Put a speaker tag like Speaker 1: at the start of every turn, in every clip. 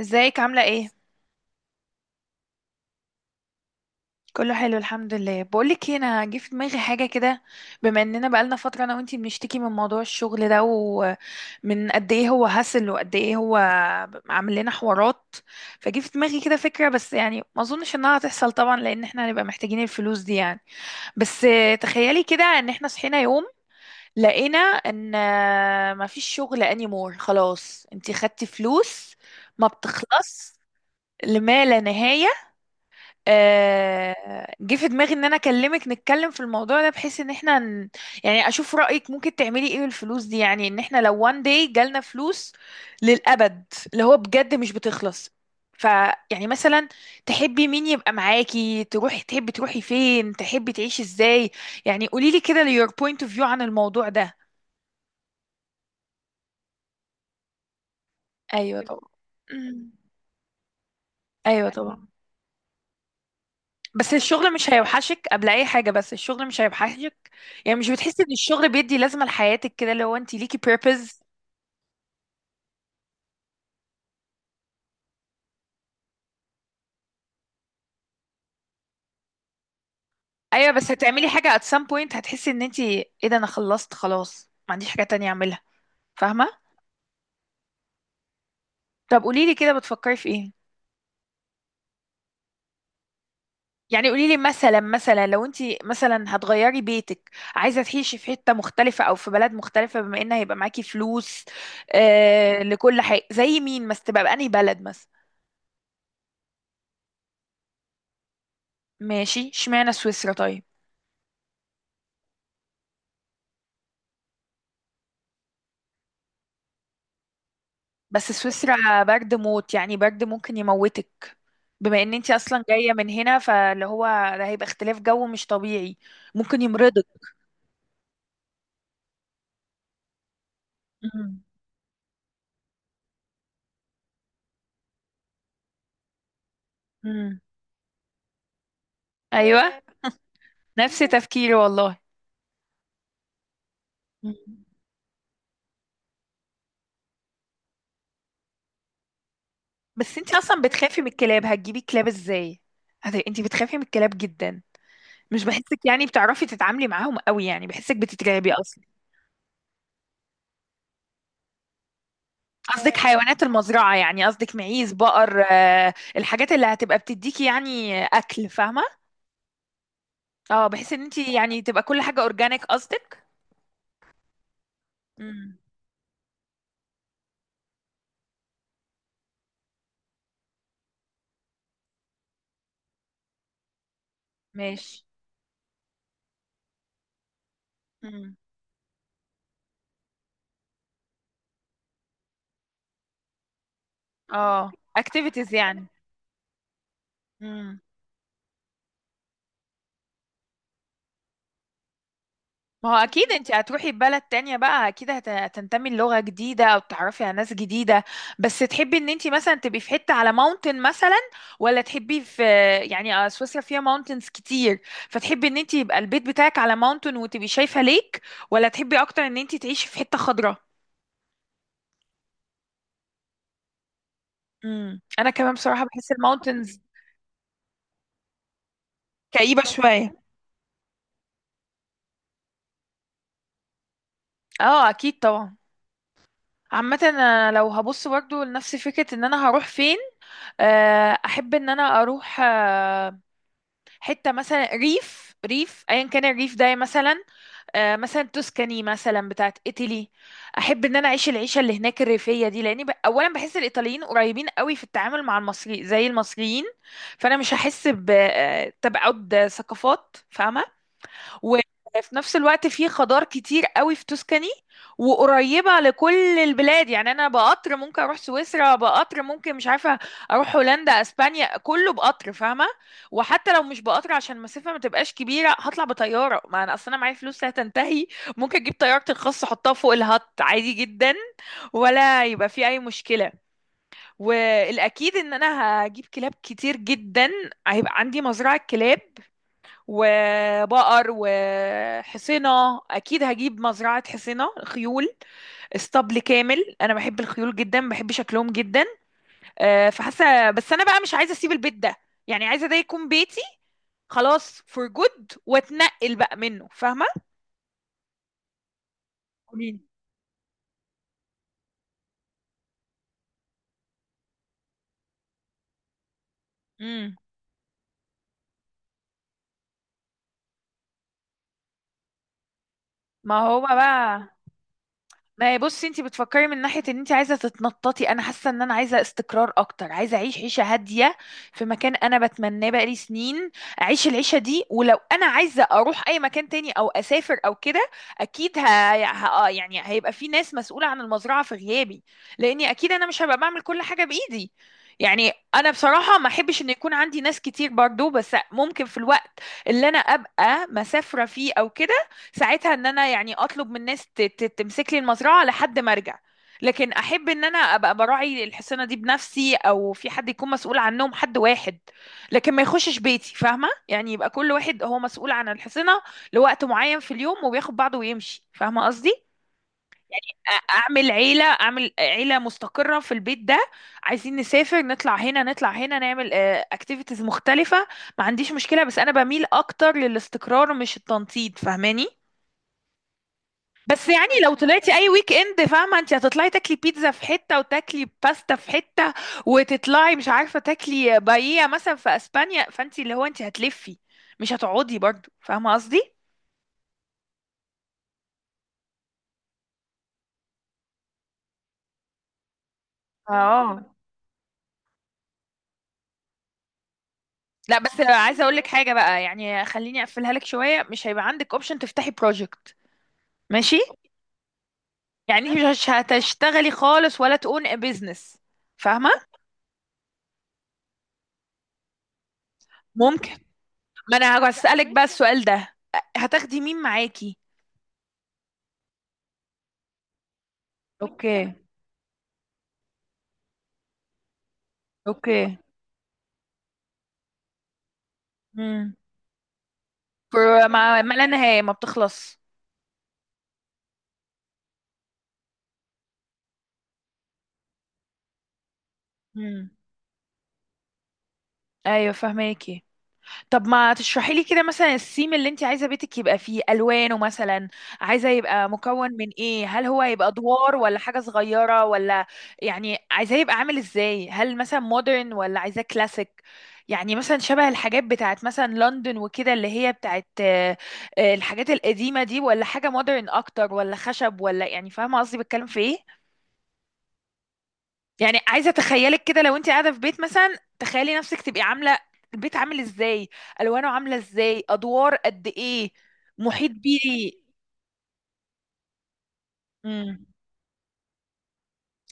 Speaker 1: ازيك عاملة ايه؟ كله حلو الحمد لله، بقولك ايه، انا جه في دماغي حاجة كده. بما اننا بقالنا فترة انا وانتي بنشتكي من موضوع الشغل ده ومن قد ايه هو هسل وقد ايه هو عامل لنا حوارات. فجه في دماغي كده فكرة، بس يعني ما اظنش انها هتحصل طبعا لان احنا هنبقى محتاجين الفلوس دي يعني. بس تخيلي كده ان احنا صحينا يوم لقينا ان مفيش شغل انيمور خلاص، انتي خدتي فلوس ما بتخلص لما لا نهاية. جه في دماغي ان انا اكلمك نتكلم في الموضوع ده بحيث ان احنا يعني اشوف رأيك ممكن تعملي ايه بالفلوس دي، يعني ان احنا لو one day جالنا فلوس للأبد، اللي هو بجد مش بتخلص. ف يعني مثلا تحبي مين يبقى معاكي، تحبي تروحي فين، تحبي تعيشي ازاي؟ يعني قولي لي كده your point of view عن الموضوع ده. ايوه طبعا. أمم. ايوه طبعا. بس الشغل مش هيوحشك قبل اي حاجه، بس الشغل مش هيوحشك، يعني مش بتحسي ان الشغل بيدي لازمه لحياتك كده لو انت ليكي purpose؟ ايوه بس هتعملي حاجه at some point، هتحسي ان انت ايه ده، انا خلصت خلاص، ما عنديش حاجه تانية اعملها، فاهمه؟ طب قولي لي كده بتفكري في ايه؟ يعني قولي لي مثلا، لو انت مثلا هتغيري بيتك، عايزه تعيشي في حته مختلفه او في بلد مختلفه، بما ان هيبقى معاكي فلوس لكل حاجه، زي مين بس، تبقى بأنهي بلد مثلا؟ ماشي، اشمعنى سويسرا طيب؟ بس سويسرا برد موت يعني، برد ممكن يموتك، بما ان انت اصلا جاية من هنا فاللي هو ده هيبقى اختلاف جو مش طبيعي، ممكن يمرضك. مم. مم. ايوه. نفس تفكيري والله. مم. بس انت اصلا بتخافي من الكلاب، هتجيبي كلاب ازاي؟ انت بتخافي من الكلاب جدا، مش بحسك يعني بتعرفي تتعاملي معاهم قوي، يعني بحسك بتترعبي اصلا. قصدك حيوانات المزرعة يعني، قصدك معيز بقر، الحاجات اللي هتبقى بتديكي يعني اكل، فاهمة؟ اه، بحيث ان انت يعني تبقى كل حاجة اورجانيك قصدك. امم. ماشي. امم. اه، اكتيفيتيز يعني. امم. ما هو اكيد انت هتروحي بلد تانية بقى، اكيد هتنتمي لغة جديدة او تعرفي على ناس جديدة. بس تحبي ان انت مثلا تبقي في حتة على ماونتن مثلا، ولا تحبي في، يعني سويسرا فيها ماونتنز كتير، فتحبي ان انت يبقى البيت بتاعك على ماونتن وتبقي شايفة ليك، ولا تحبي اكتر ان انت تعيشي في حتة خضراء؟ امم، انا كمان بصراحة بحس الماونتنز كئيبة شوية. اه اكيد طبعا. عامة انا لو هبص برضه لنفس فكرة ان انا هروح فين، احب ان انا اروح حتة مثلا ريف، ريف ايا كان الريف ده مثلا، مثلا توسكاني مثلا بتاعت ايطالي. احب ان انا اعيش العيشة اللي هناك الريفية دي لاني اولا بحس الايطاليين قريبين قوي في التعامل مع المصري زي المصريين، فانا مش هحس بتبعد ثقافات، فاهمة؟ وفي نفس الوقت في خضار كتير قوي في توسكاني، وقريبة لكل البلاد يعني، أنا بقطر ممكن أروح سويسرا، بقطر ممكن مش عارفة أروح هولندا، أسبانيا، كله بقطر فاهمة. وحتى لو مش بقطر عشان المسافة ما تبقاش كبيرة هطلع بطيارة، ما أنا أصلا معايا فلوس لا تنتهي، ممكن أجيب طيارتي الخاصة أحطها فوق الهط عادي جدا، ولا يبقى في أي مشكلة. والأكيد إن أنا هجيب كلاب كتير جدا، هيبقى عندي مزرعة كلاب وبقر وحصنة، أكيد هجيب مزرعة حصنة، خيول، اسطبل كامل، أنا بحب الخيول جدا بحب شكلهم جدا. فحاسة بس أنا بقى مش عايزة أسيب البيت ده، يعني عايزة ده يكون بيتي، خلاص فور جود، واتنقل بقى منه، فاهمة؟ قوليلي. امم. ما هو بقى. ما هي بصي انت بتفكري من ناحية ان انت عايزة تتنططي، انا حاسة ان انا عايزة استقرار اكتر، عايزة اعيش عيشة هادية في مكان انا بتمناه بقالي سنين، اعيش العيشة دي، ولو انا عايزة اروح اي مكان تاني او اسافر او كده اكيد ه... ه... آه، يعني هيبقى في ناس مسؤولة عن المزرعة في غيابي، لاني اكيد انا مش هبقى بعمل كل حاجة بايدي. يعني انا بصراحة ما احبش ان يكون عندي ناس كتير برضو، بس ممكن في الوقت اللي انا ابقى مسافرة فيه او كده، ساعتها ان انا يعني اطلب من الناس تمسك لي المزرعه لحد ما ارجع. لكن احب ان انا ابقى براعي الحصانه دي بنفسي، او في حد يكون مسؤول عنهم، حد واحد، لكن ما يخشش بيتي فاهمه، يعني يبقى كل واحد هو مسؤول عن الحصانه لوقت معين في اليوم، وبياخد بعضه ويمشي، فاهمه قصدي؟ اعمل عيله مستقره في البيت ده، عايزين نسافر نطلع هنا نطلع هنا نعمل اكتيفيتيز مختلفه، ما عنديش مشكله، بس انا بميل اكتر للاستقرار مش التنطيط فاهماني. بس يعني لو طلعتي اي ويك اند فاهمه، انت هتطلعي تاكلي بيتزا في حته وتاكلي باستا في حته، وتطلعي مش عارفه تاكلي بايية مثلا في اسبانيا، فانت اللي هو انت هتلفي، مش هتقعدي برضو فاهمه قصدي؟ اه لا، بس عايزه اقول لك حاجه بقى، يعني خليني اقفلها لك شويه، مش هيبقى عندك اوبشن تفتحي بروجكت. ماشي. يعني انت مش هتشتغلي خالص، ولا تقون بيزنس، فاهمه؟ ممكن. ما انا هسألك بقى السؤال ده، هتاخدي مين معاكي؟ اوكي. اوكي. مم. ما لا نهاية، ما بتخلص. مم. ايوه فهماكي. طب ما تشرحي لي كده مثلا السيم اللي انت عايزه بيتك يبقى فيه الوانه مثلا، عايزه يبقى مكون من ايه، هل هو هيبقى ادوار ولا حاجه صغيره ولا، يعني عايزاه يبقى عامل ازاي، هل مثلا مودرن ولا عايزاه كلاسيك، يعني مثلا شبه الحاجات بتاعت مثلا لندن وكده اللي هي بتاعت الحاجات القديمه دي، ولا حاجه مودرن اكتر، ولا خشب، ولا يعني فاهمه قصدي بتكلم في ايه؟ يعني عايزه اتخيلك كده لو انت قاعده في بيت مثلا، تخيلي نفسك تبقي عامله البيت عامل ازاي، الوانه عامله ازاي، ادوار قد ايه، محيط بيه. امم.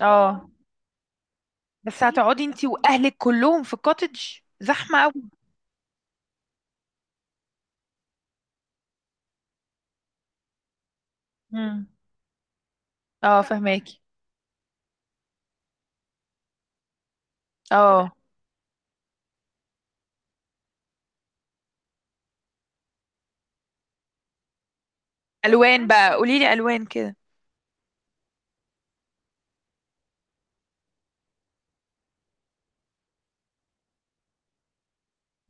Speaker 1: اه بس هتقعدي انت واهلك كلهم في كوتج؟ زحمه قوي. امم. اه فهماكي، اه. الوان بقى، قولي لي الوان كده.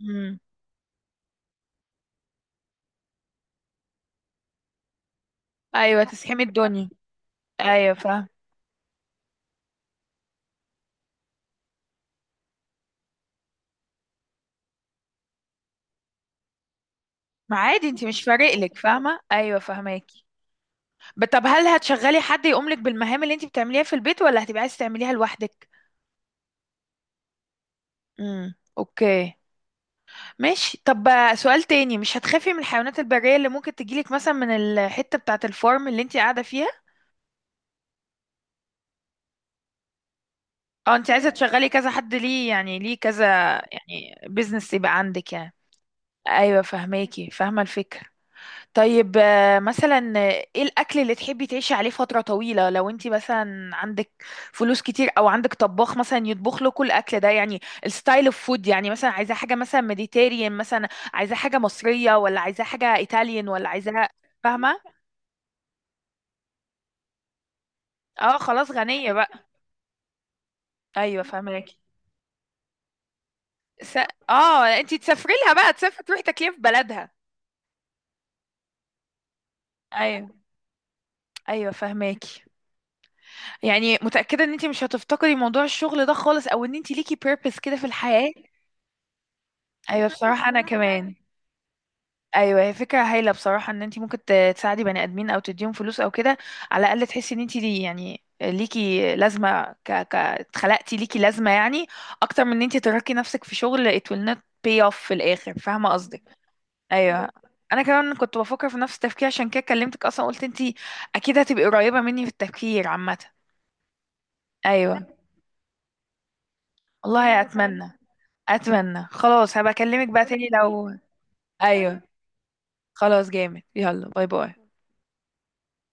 Speaker 1: امم. ايوه، تسحمي الدنيا. ايوه فاهم. ما عادي، انت مش فارق لك فاهمه، ايوه فهماكي. طب هل هتشغلي حد يقوم لك بالمهام اللي انت بتعمليها في البيت، ولا هتبقي عايزه تعمليها لوحدك؟ امم، اوكي، ماشي. طب سؤال تاني، مش هتخافي من الحيوانات البرية اللي ممكن تجيلك مثلا من الحتة بتاعة الفارم اللي انت قاعدة فيها؟ اه، انت عايزة تشغلي كذا حد، ليه يعني، ليه كذا؟ يعني بيزنس يبقى عندك يعني. ايوه فهماكي، فاهمة الفكرة. طيب مثلا ايه الاكل اللي تحبي تعيشي عليه فترة طويلة، لو انت مثلا عندك فلوس كتير او عندك طباخ مثلا يطبخ له كل الاكل ده، يعني الستايل اوف فود، يعني مثلا عايزة حاجة مثلا ميديتيريان، مثلا عايزة حاجة مصرية، ولا عايزة حاجة ايطاليان ولا عايزة، فاهمة؟ اه خلاص غنية بقى. ايوه فاهماكي. س... اه، انت تسافري لها بقى، تسافري تروحي تاكليها في بلدها. ايوه. ايوه فاهماكي. يعني متأكدة ان انت مش هتفتقدي موضوع الشغل ده خالص، او ان انت ليكي purpose كده في الحياة؟ ايوه بصراحه انا كمان. ايوه هي فكره هايله بصراحه، ان انت ممكن تساعدي بني ادمين او تديهم فلوس او كده، على الاقل تحسي ان انت دي يعني ليكي لازمه، اتخلقتي ليكي لازمه يعني، اكتر من ان انت تركي نفسك في شغل it will not pay off في الاخر، فاهمه قصدك؟ ايوه. انا كمان كنت بفكر في نفس التفكير عشان كده كلمتك اصلا، قلت انت اكيد هتبقي قريبه مني في التفكير عامه. ايوه. والله اتمنى، اتمنى، خلاص هبقى اكلمك بقى تاني لو. ايوه، خلاص جامد، يلا باي باي.